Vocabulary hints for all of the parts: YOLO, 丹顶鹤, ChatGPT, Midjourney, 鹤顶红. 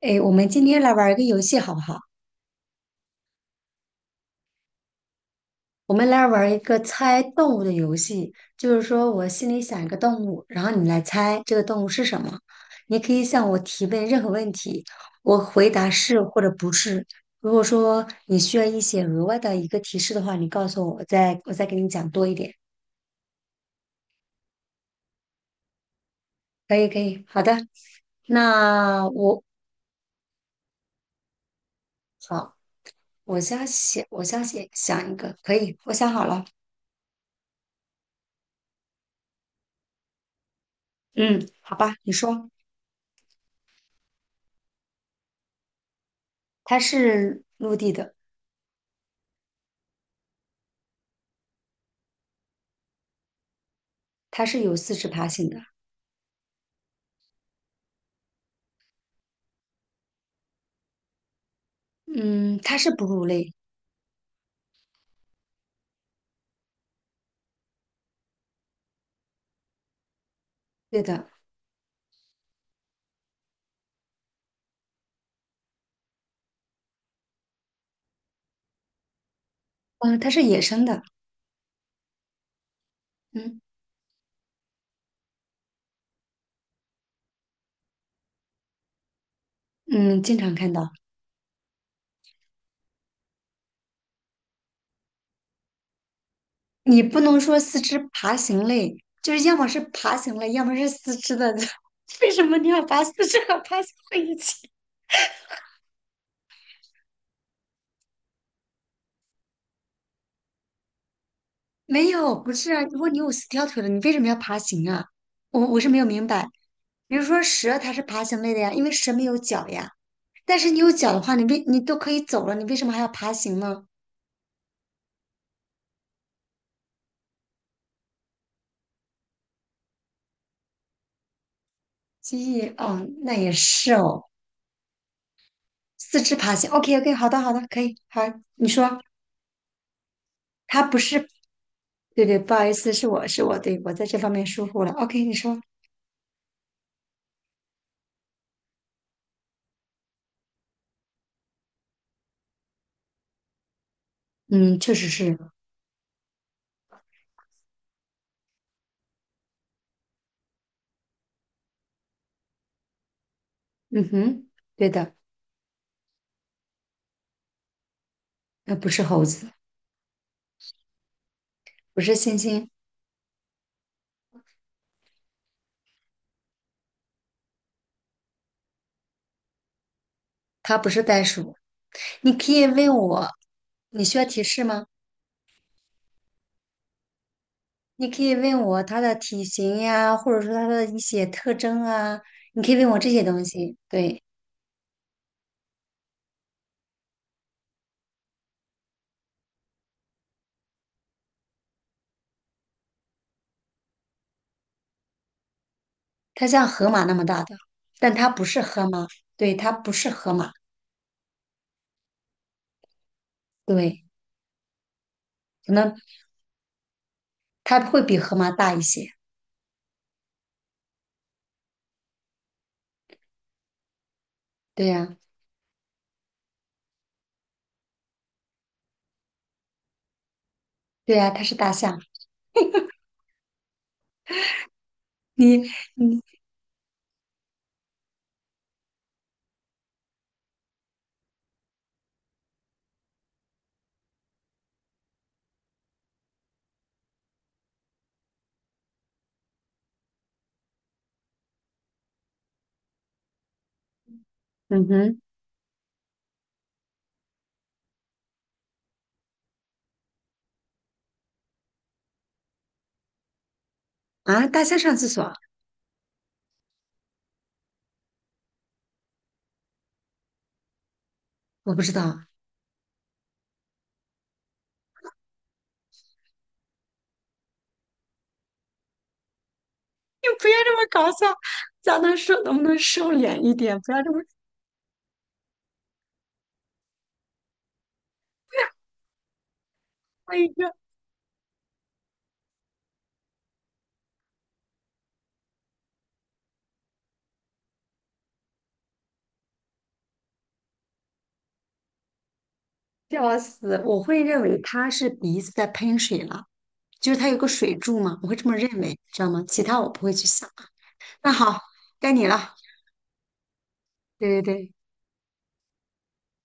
哎，我们今天来玩儿一个游戏好不好？我们来玩儿一个猜动物的游戏，就是说我心里想一个动物，然后你来猜这个动物是什么。你可以向我提问任何问题，我回答是或者不是。如果说你需要一些额外的一个提示的话，你告诉我，我再给你讲多一点。可以，可以，好的。那我好，我先写想一个，可以，我想好了。嗯，好吧，你说，它是陆地的。它是有四肢爬行的。嗯，它是哺乳类。对的。嗯，它是野生的。嗯嗯，经常看到。你不能说四肢爬行类，就是要么是爬行类，要么是四肢的。为什么你要把四肢和爬行在一起？没有，不是啊。如果你有四条腿了，你为什么要爬行啊？我是没有明白。比如说蛇，它是爬行类的呀，因为蛇没有脚呀。但是你有脚的话，你都可以走了，你为什么还要爬行呢？蜥蜴，哦，那也是哦。四肢爬行。OK OK，好的好的，可以好，你说它不是。对对，不好意思，是我，对，我在这方面疏忽了。OK，你说。嗯，确实是。嗯哼。对的。那不是猴子。不是猩猩。它不是袋鼠。你可以问我，你需要提示吗？你可以问我它的体型呀，或者说它的一些特征啊，你可以问我这些东西。对，它像河马那么大的，但它不是河马。对，它不是河马。对，可能它会比河马大一些。对呀、对呀、它是大象。你你嗯哼。啊，大象上厕所。我不知道。你不要这么搞笑，咱能不能收敛一点？不要这么哎呀，笑死！我会认为它是鼻子在喷水了，就是它有个水柱嘛，我会这么认为，知道吗？其他我不会去想。那好，该你了。对对对。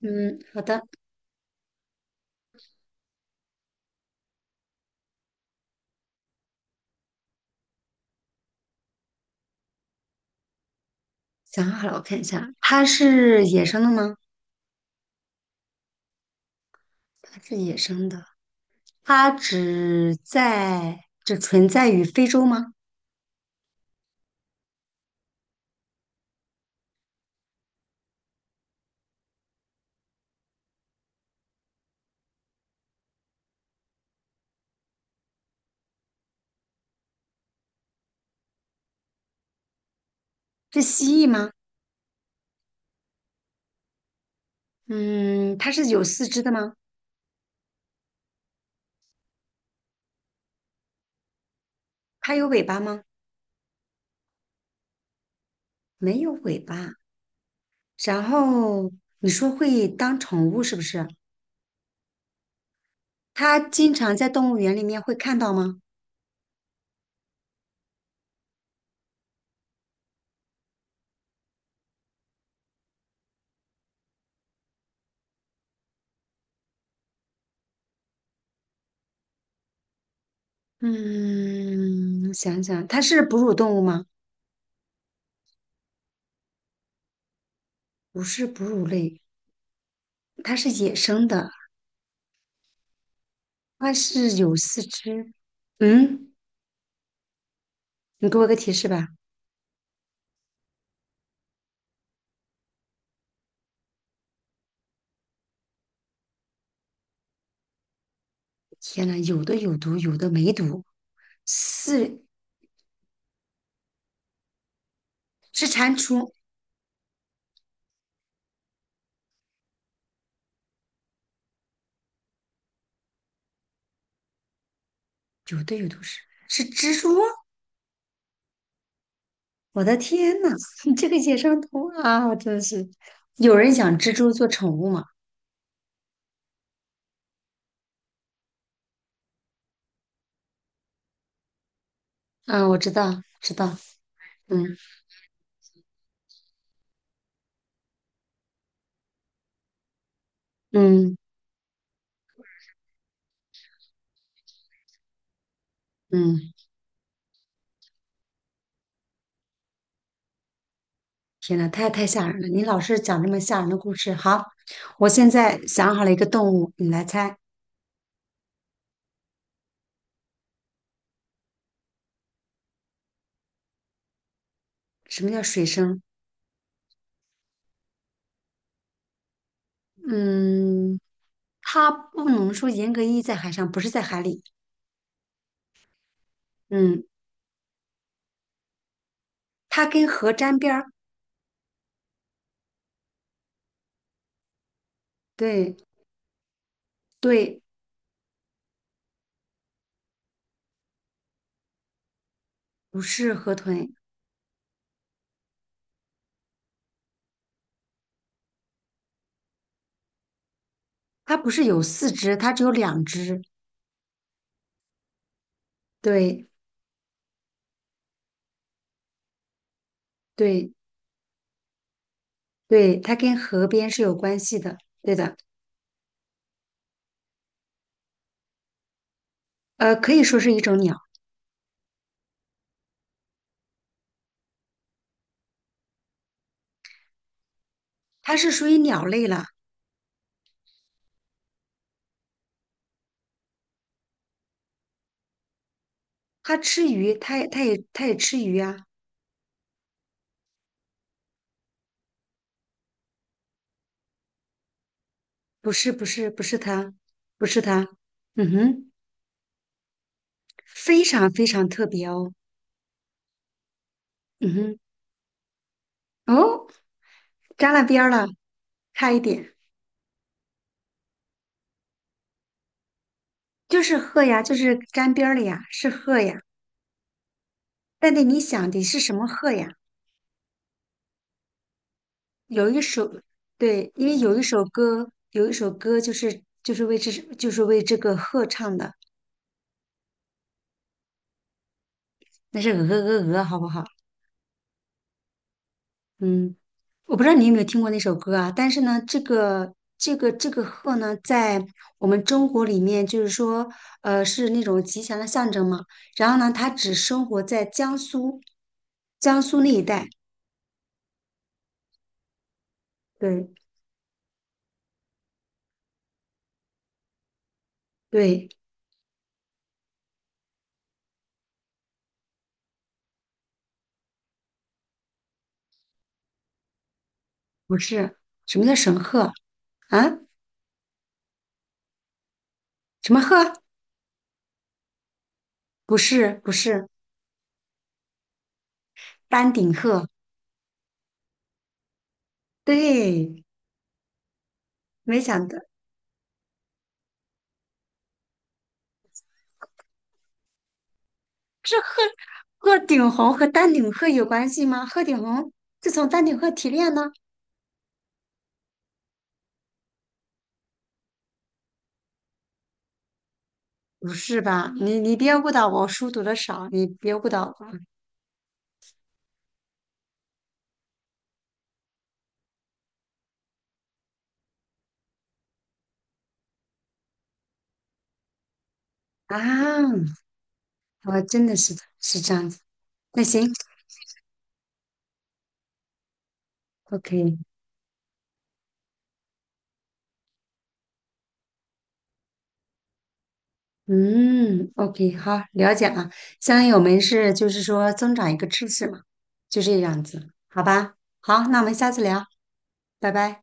嗯，好的。想好了，我看一下，它是野生的吗？它是野生的。它只存在于非洲吗？是蜥蜴吗？嗯，它是有四肢的吗？它有尾巴吗？没有尾巴。然后你说会当宠物是不是？它经常在动物园里面会看到吗？嗯，想想，它是哺乳动物吗？不是哺乳类，它是野生的，它是有四肢。嗯，你给我个提示吧。天呐，有的有毒，有的没毒。四是蟾蜍，有的有都是是蜘蛛。我的天呐，你这个野生动物啊，我真的是。有人养蜘蛛做宠物吗？嗯，我知道，知道。嗯嗯嗯，天呐，太吓人了！你老是讲这么吓人的故事。好，我现在想好了一个动物，你来猜。什么叫水生？嗯，它不能说严格意义在海上，不是在海里。嗯，它跟河沾边儿。对对，不是河豚，它不是有四肢，它只有两只。对对对，它跟河边是有关系的。对的。可以说是一种鸟。它是属于鸟类了。它吃鱼，它也吃鱼啊。不是不是不是它。不是它。嗯哼。非常非常特别哦。嗯哼。哦，沾了边儿了，差一点。就是鹤呀，就是沾边儿了呀，是鹤呀，但得你想的是什么鹤呀？有一首，对，因为有一首歌就是就是为这就是为这个鹤唱的。那是鹅鹅鹅，好不好？嗯，我不知道你有没有听过那首歌啊，但是呢，这个鹤呢，在我们中国里面，就是说，是那种吉祥的象征嘛。然后呢，它只生活在江苏，江苏那一带。对对，不是，什么叫神鹤啊？什么鹤？不是不是，丹顶鹤。对，没想到鹤顶红和丹顶鹤有关系吗？鹤顶红是从丹顶鹤提炼呢？不是吧？你别误导我，我书读的少，你别误导我啊！我真的是这样子。那行，OK。嗯，OK，好，了解了。相当于我们就是说增长一个知识嘛，就这样子，好吧？好，那我们下次聊。拜拜。